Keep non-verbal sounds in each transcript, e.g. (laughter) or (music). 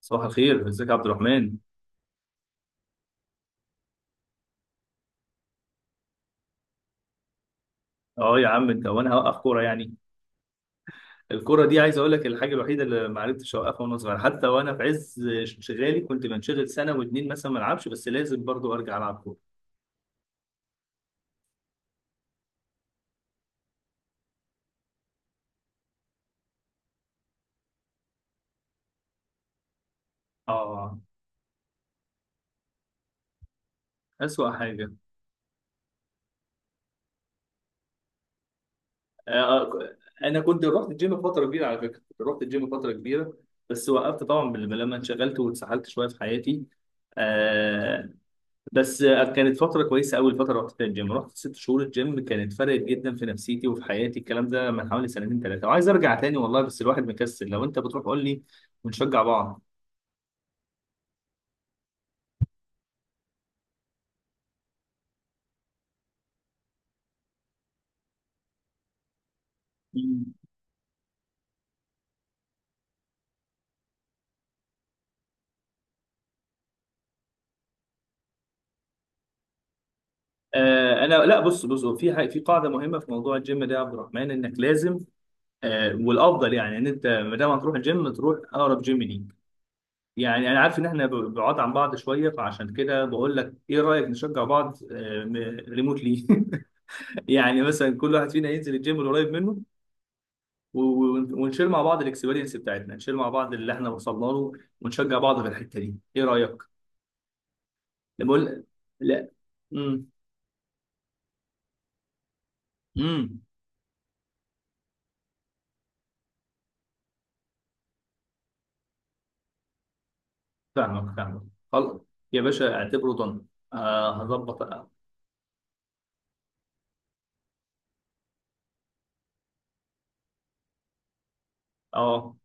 صباح الخير، ازيك يا عبد الرحمن؟ اه يا عم انت، وانا هوقف كوره يعني؟ الكوره دي عايز اقول لك الحاجه الوحيده اللي ما عرفتش اوقفها، وانا صغير حتى وانا في عز انشغالي كنت بنشغل سنه واتنين مثلا ما العبش، بس لازم برضو ارجع العب كوره. اه، اسوأ حاجه. آه انا كنت رحت الجيم فتره كبيره، على فكره كنت رحت الجيم فتره كبيره. بس وقفت طبعا لما انشغلت واتسحلت شويه في حياتي. آه بس كانت فترة كويسة أوي الفترة رحت فيها الجيم، رحت ست شهور الجيم، كانت فرقت جدا في نفسيتي وفي حياتي. الكلام ده من حوالي سنتين ثلاثة، وعايز أرجع تاني والله، بس الواحد مكسل. لو أنت بتروح قول لي ونشجع بعض. مم. أنا لا، بص، هو في في قاعدة مهمة في موضوع الجيم ده يا عبد الرحمن، إنك لازم والأفضل يعني إن أنت ما دام هتروح الجيم تروح أقرب جيم ليك. يعني أنا عارف إن إحنا بعاد عن بعض شوية، فعشان كده بقول لك إيه رأيك نشجع بعض. آه، ريموتلي (laughs) يعني مثلا كل واحد فينا ينزل الجيم القريب منه، ونشير مع بعض الاكسبيرينس بتاعتنا، نشير مع بعض اللي احنا وصلنا له ونشجع بعض في الحته دي، ايه رايك؟ لا بقول، لا، امم امم فاهمك، فاهمك. خلاص يا باشا، اعتبره ضن. آه، هظبط، اه. آه.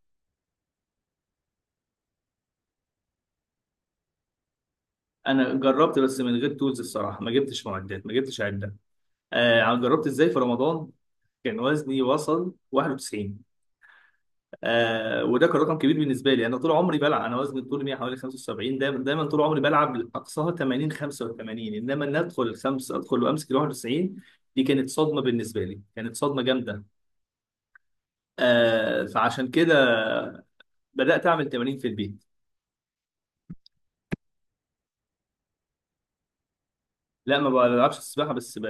انا جربت، بس من غير تولز الصراحه، ما جبتش معدات، ما جبتش عده. آه، جربت ازاي في رمضان. كان وزني وصل 91. آه، وده كان رقم كبير بالنسبه لي. انا طول عمري بلعب، انا وزني طول 100 حوالي 75 دايما، دايما طول عمري بلعب اقصاها 80 85، انما ان ادخل الخمس، ادخل وامسك ال 91، دي كانت صدمه بالنسبه لي، كانت صدمه جامده. آه، فعشان كده بدات اعمل تمارين في البيت. لا، ما بلعبش السباحه،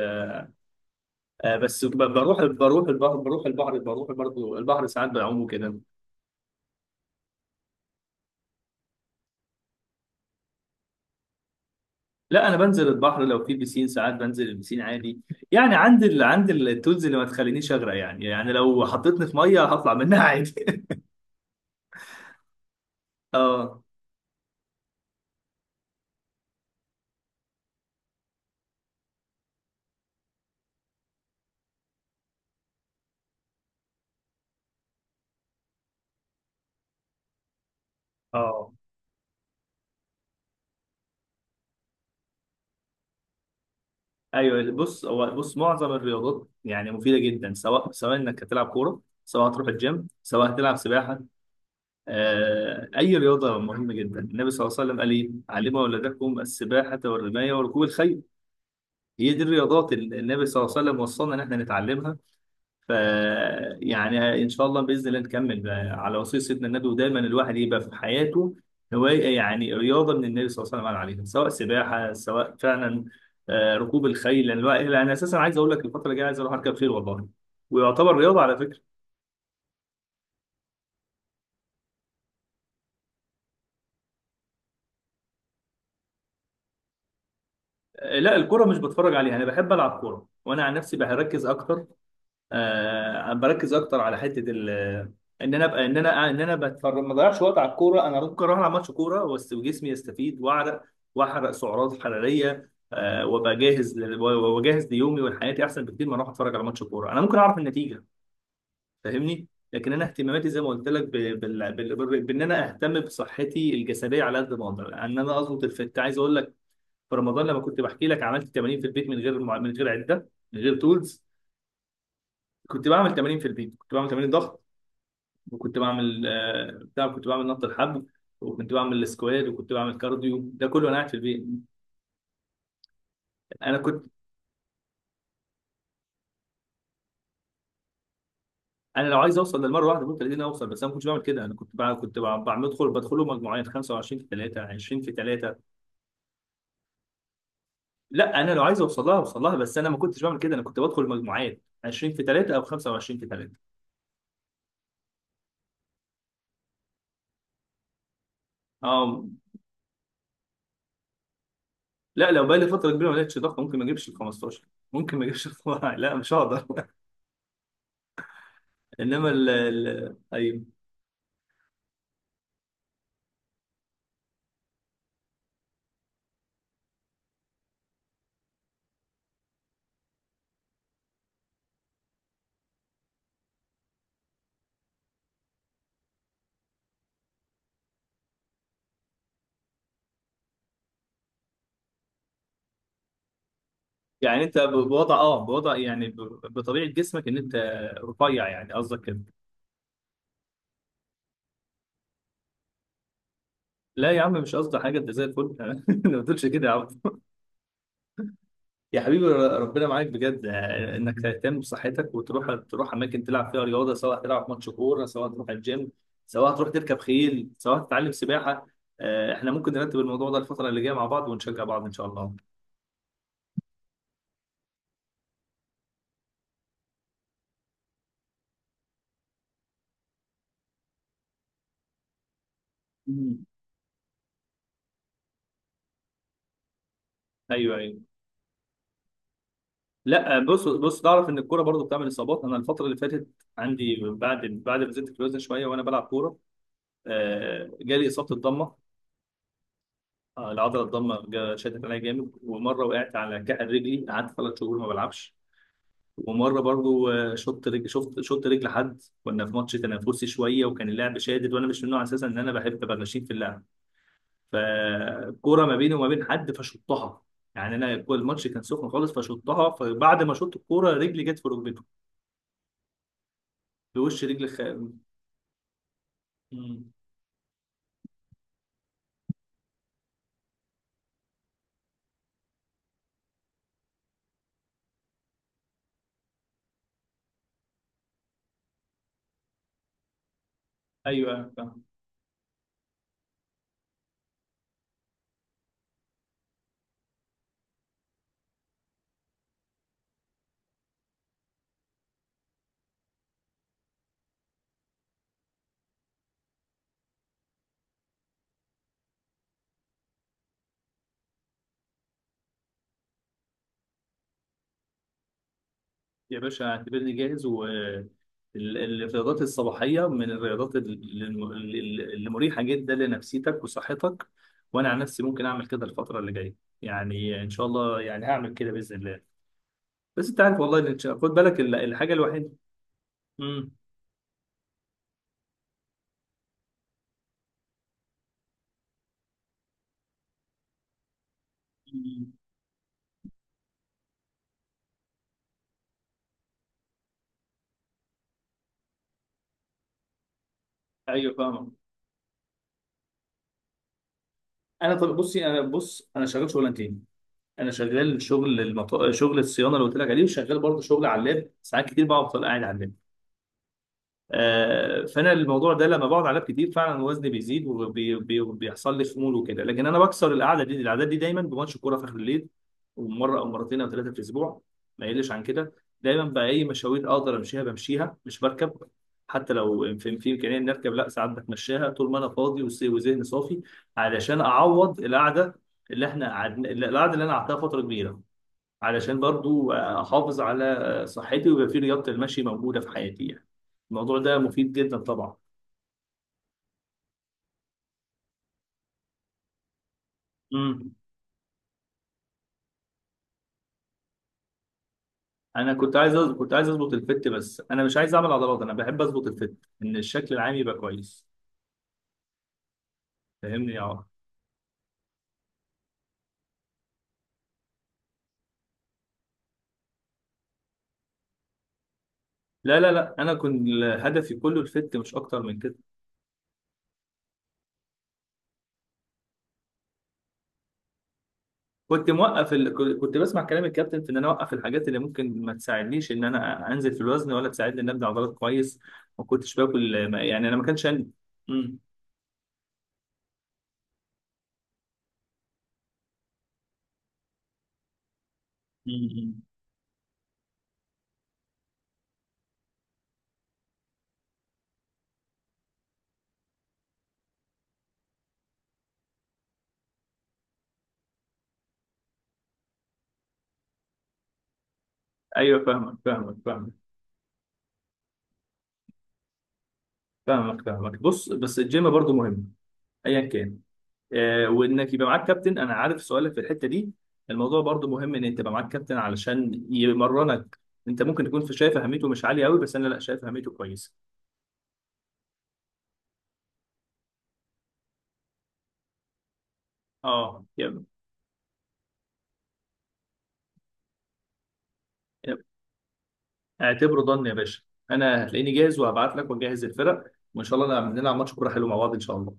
بس بروح البحر، بروح برضه البحر، ساعات بعوم وكده. لا انا بنزل البحر، لو في بيسين ساعات بنزل البيسين عادي. يعني عندي التولز اللي ما تخلينيش اغرق يعني، يعني لو حطيتني في ميه هطلع منها عادي. (laughs) اه، اه. ايوه بص، معظم الرياضات يعني مفيده جدا، سواء انك هتلعب كوره، سواء هتروح الجيم، سواء هتلعب سباحه. آه، اي رياضه مهمه جدا. النبي صلى الله عليه وسلم قال ايه: علموا اولادكم السباحه والرمايه وركوب الخيل. هي دي الرياضات اللي النبي صلى الله عليه وسلم وصلنا ان احنا نتعلمها. ف يعني ان شاء الله، باذن الله نكمل بقى على وصيه سيدنا النبي، ودايما الواحد يبقى في حياته هوايه، يعني رياضه من النبي صلى الله عليه وسلم عليها، سواء سباحه، سواء فعلا ركوب الخيل، لأن انا اساسا عايز اقول لك الفتره الجايه عايز اروح اركب خيل والله، ويعتبر رياضه على فكره. لا، الكره مش بتفرج عليها، انا بحب العب كوره، وانا عن نفسي بركز اكتر، بركز اكتر على حته ال. ان انا ابقى، ان انا بتفرج، ما اضيعش وقت على الكوره، انا ممكن اروح العب ماتش كوره بس جسمي يستفيد واعرق واحرق سعرات حراريه، آه، وابقى جاهز وجاهز ليومي ولحياتي احسن بكتير ما اروح اتفرج على ماتش كوره، انا ممكن اعرف النتيجه، فاهمني؟ لكن انا اهتماماتي زي ما قلت لك ب... بال... بال... بال... بان انا اهتم بصحتي الجسديه على قد ما اقدر، ان انا اظبط الفت. عايز اقول لك، في رمضان لما كنت بحكي لك، عملت تمارين في البيت من غير من غير عده، من غير تولز. كنت بعمل تمارين في البيت، كنت بعمل تمارين ضغط، وكنت بعمل آه، بتاع كنت بعمل نط الحبل، وكنت بعمل السكواد، وكنت بعمل كارديو، ده كله وانا قاعد في البيت. انا كنت انا لو عايز اوصل للمره واحده ممكن تلاقيني اوصل، بس انا ما كنتش بعمل كده. انا كنت بع- كنت بع- بعمل بدخل بدخله مجموعات: 25 في 3، 20 في 3. لا، انا لو عايز اوصل لها اوصل لها، بس انا ما كنتش بعمل كده. انا كنت بدخل مجموعات 20 في 3 او 25 في 3. اه. لا لو بقى لي فتره كبيره ما لقيتش ضغط، ممكن ما اجيبش ال 15، ممكن ما اجيبش ال (laughs) 12. لا مش هقدر. (laughs) انما ال- يعني انت بوضع يعني بطبيعه جسمك، ان انت رفيع يعني قصدك كده؟ لا يا عم، مش قصدي حاجه، انت زي الفل. (laughs) أنا، ما تقولش كده يا عم. يا حبيبي ربنا معاك بجد، آه، انك تهتم بصحتك وتروح، تروح اماكن تلعب فيها رياضه، سواء تلعب ماتش كوره، سواء تروح الجيم، سواء تروح تركب خيل، سواء تتعلم سباحه. آه، احنا ممكن نرتب الموضوع ده الفتره اللي جايه مع بعض، ونشجع بعض ان شاء الله. مم. ايوه، ايوه. لا بص، تعرف ان الكوره برضو بتعمل اصابات؟ انا الفتره اللي فاتت، عندي بعد ما زدت في الوزن شويه وانا بلعب كوره، آه، جالي اصابه الضمه، آه، العضله الضمه شدت عليا جامد، ومره وقعت على كحل رجلي، قعدت ثلاث شهور ما بلعبش، ومره برضو آه، شط رجل، شفت شط رجل حد، كنا في ماتش تنافسي شويه، وكان اللعب شادد، وانا مش من النوع اساسا ان انا بحب ابقى غشيم في اللعب، فكوره ما بيني وما بين حد فشطها، يعني انا الماتش كان سخن خالص فشطها، فبعد ما شطت الكوره رجلي جت في ركبته، في وش رجلي مم. ايوه، أيوة. يا باشا اعتبرني جاهز، والرياضات الصباحية من الرياضات اللي مريحة جدا لنفسيتك وصحتك، وأنا عن نفسي ممكن أعمل كده الفترة اللي جاية، يعني إن شاء الله يعني هعمل كده بإذن الله. بس أنت عارف والله، إن خد بالك الحاجة الوحيدة. امم. أيوه، فاهمة. أنا، طب بصي أنا شغال شغلانتين، أنا شغال شغل شغل الصيانة اللي قلت لك عليه، وشغال برضه شغل على اللاب ساعات كتير، بقعد أفضل قاعد على اللاب، آه، فانا الموضوع ده لما بقعد عليه كتير، فعلا وزني بيزيد، وبيحصل لي خمول وكده. لكن انا بكسر القعده دي، العادات دي، دايما بماتش كوره في اخر الليل، ومره او مرتين او ثلاثه في الاسبوع، ما يقلش عن كده. دايما بقى اي مشاوير اقدر امشيها بمشيها مش بركب، حتى لو في امكانيه اني اركب، لا، ساعات بتمشاها طول ما انا فاضي وذهني صافي، علشان اعوض القعده اللي انا قعدتها فتره كبيره، علشان برضو احافظ على صحتي، ويبقى في رياضة المشي موجودة في حياتي يعني. الموضوع ده مفيد جدا طبعا. امم. انا كنت عايز كنت عايز اظبط الفت، بس انا مش عايز اعمل عضلات، انا بحب اظبط الفت، ان الشكل العام يبقى كويس، فاهمني يا عمر؟ لا، انا كنت، هدفي كله الفت، مش اكتر من كده. كنت موقف ال... كنت كنت بسمع كلام الكابتن في ان انا اوقف الحاجات اللي ممكن ما تساعدنيش ان انا انزل في الوزن، ولا تساعدني ان ابني عضلات كويس. ما كنتش باكل يعني انا ما كانش عندي. امم. ايوه، فاهمك بس الجيم برضو مهم ايا كان، آه، وانك يبقى معاك كابتن. انا عارف سؤالك في الحته دي، الموضوع برضو مهم ان انت تبقى معاك كابتن علشان يمرنك، انت ممكن تكون شايف اهميته مش عاليه قوي، بس انا لا، شايف اهميته كويسه. اه، يلا. يلا. اعتبره ضن يا باشا، انا هتلاقيني جاهز، وهبعت لك ونجهز الفرق، وان شاء الله نلعب ماتش كوره حلو مع بعض ان شاء الله.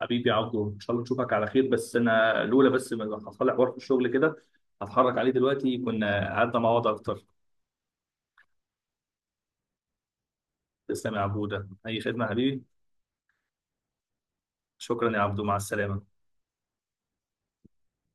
حبيبي يا عبدو، ان شاء الله نشوفك على خير، بس انا الاولى، بس حصل لي حوار في الشغل كده هتحرك عليه دلوقتي، كنا قعدنا مع بعض اكتر. تسلم يا عبودة، أي خدمة يا حبيبي. شكرا يا عبدو، مع السلامة.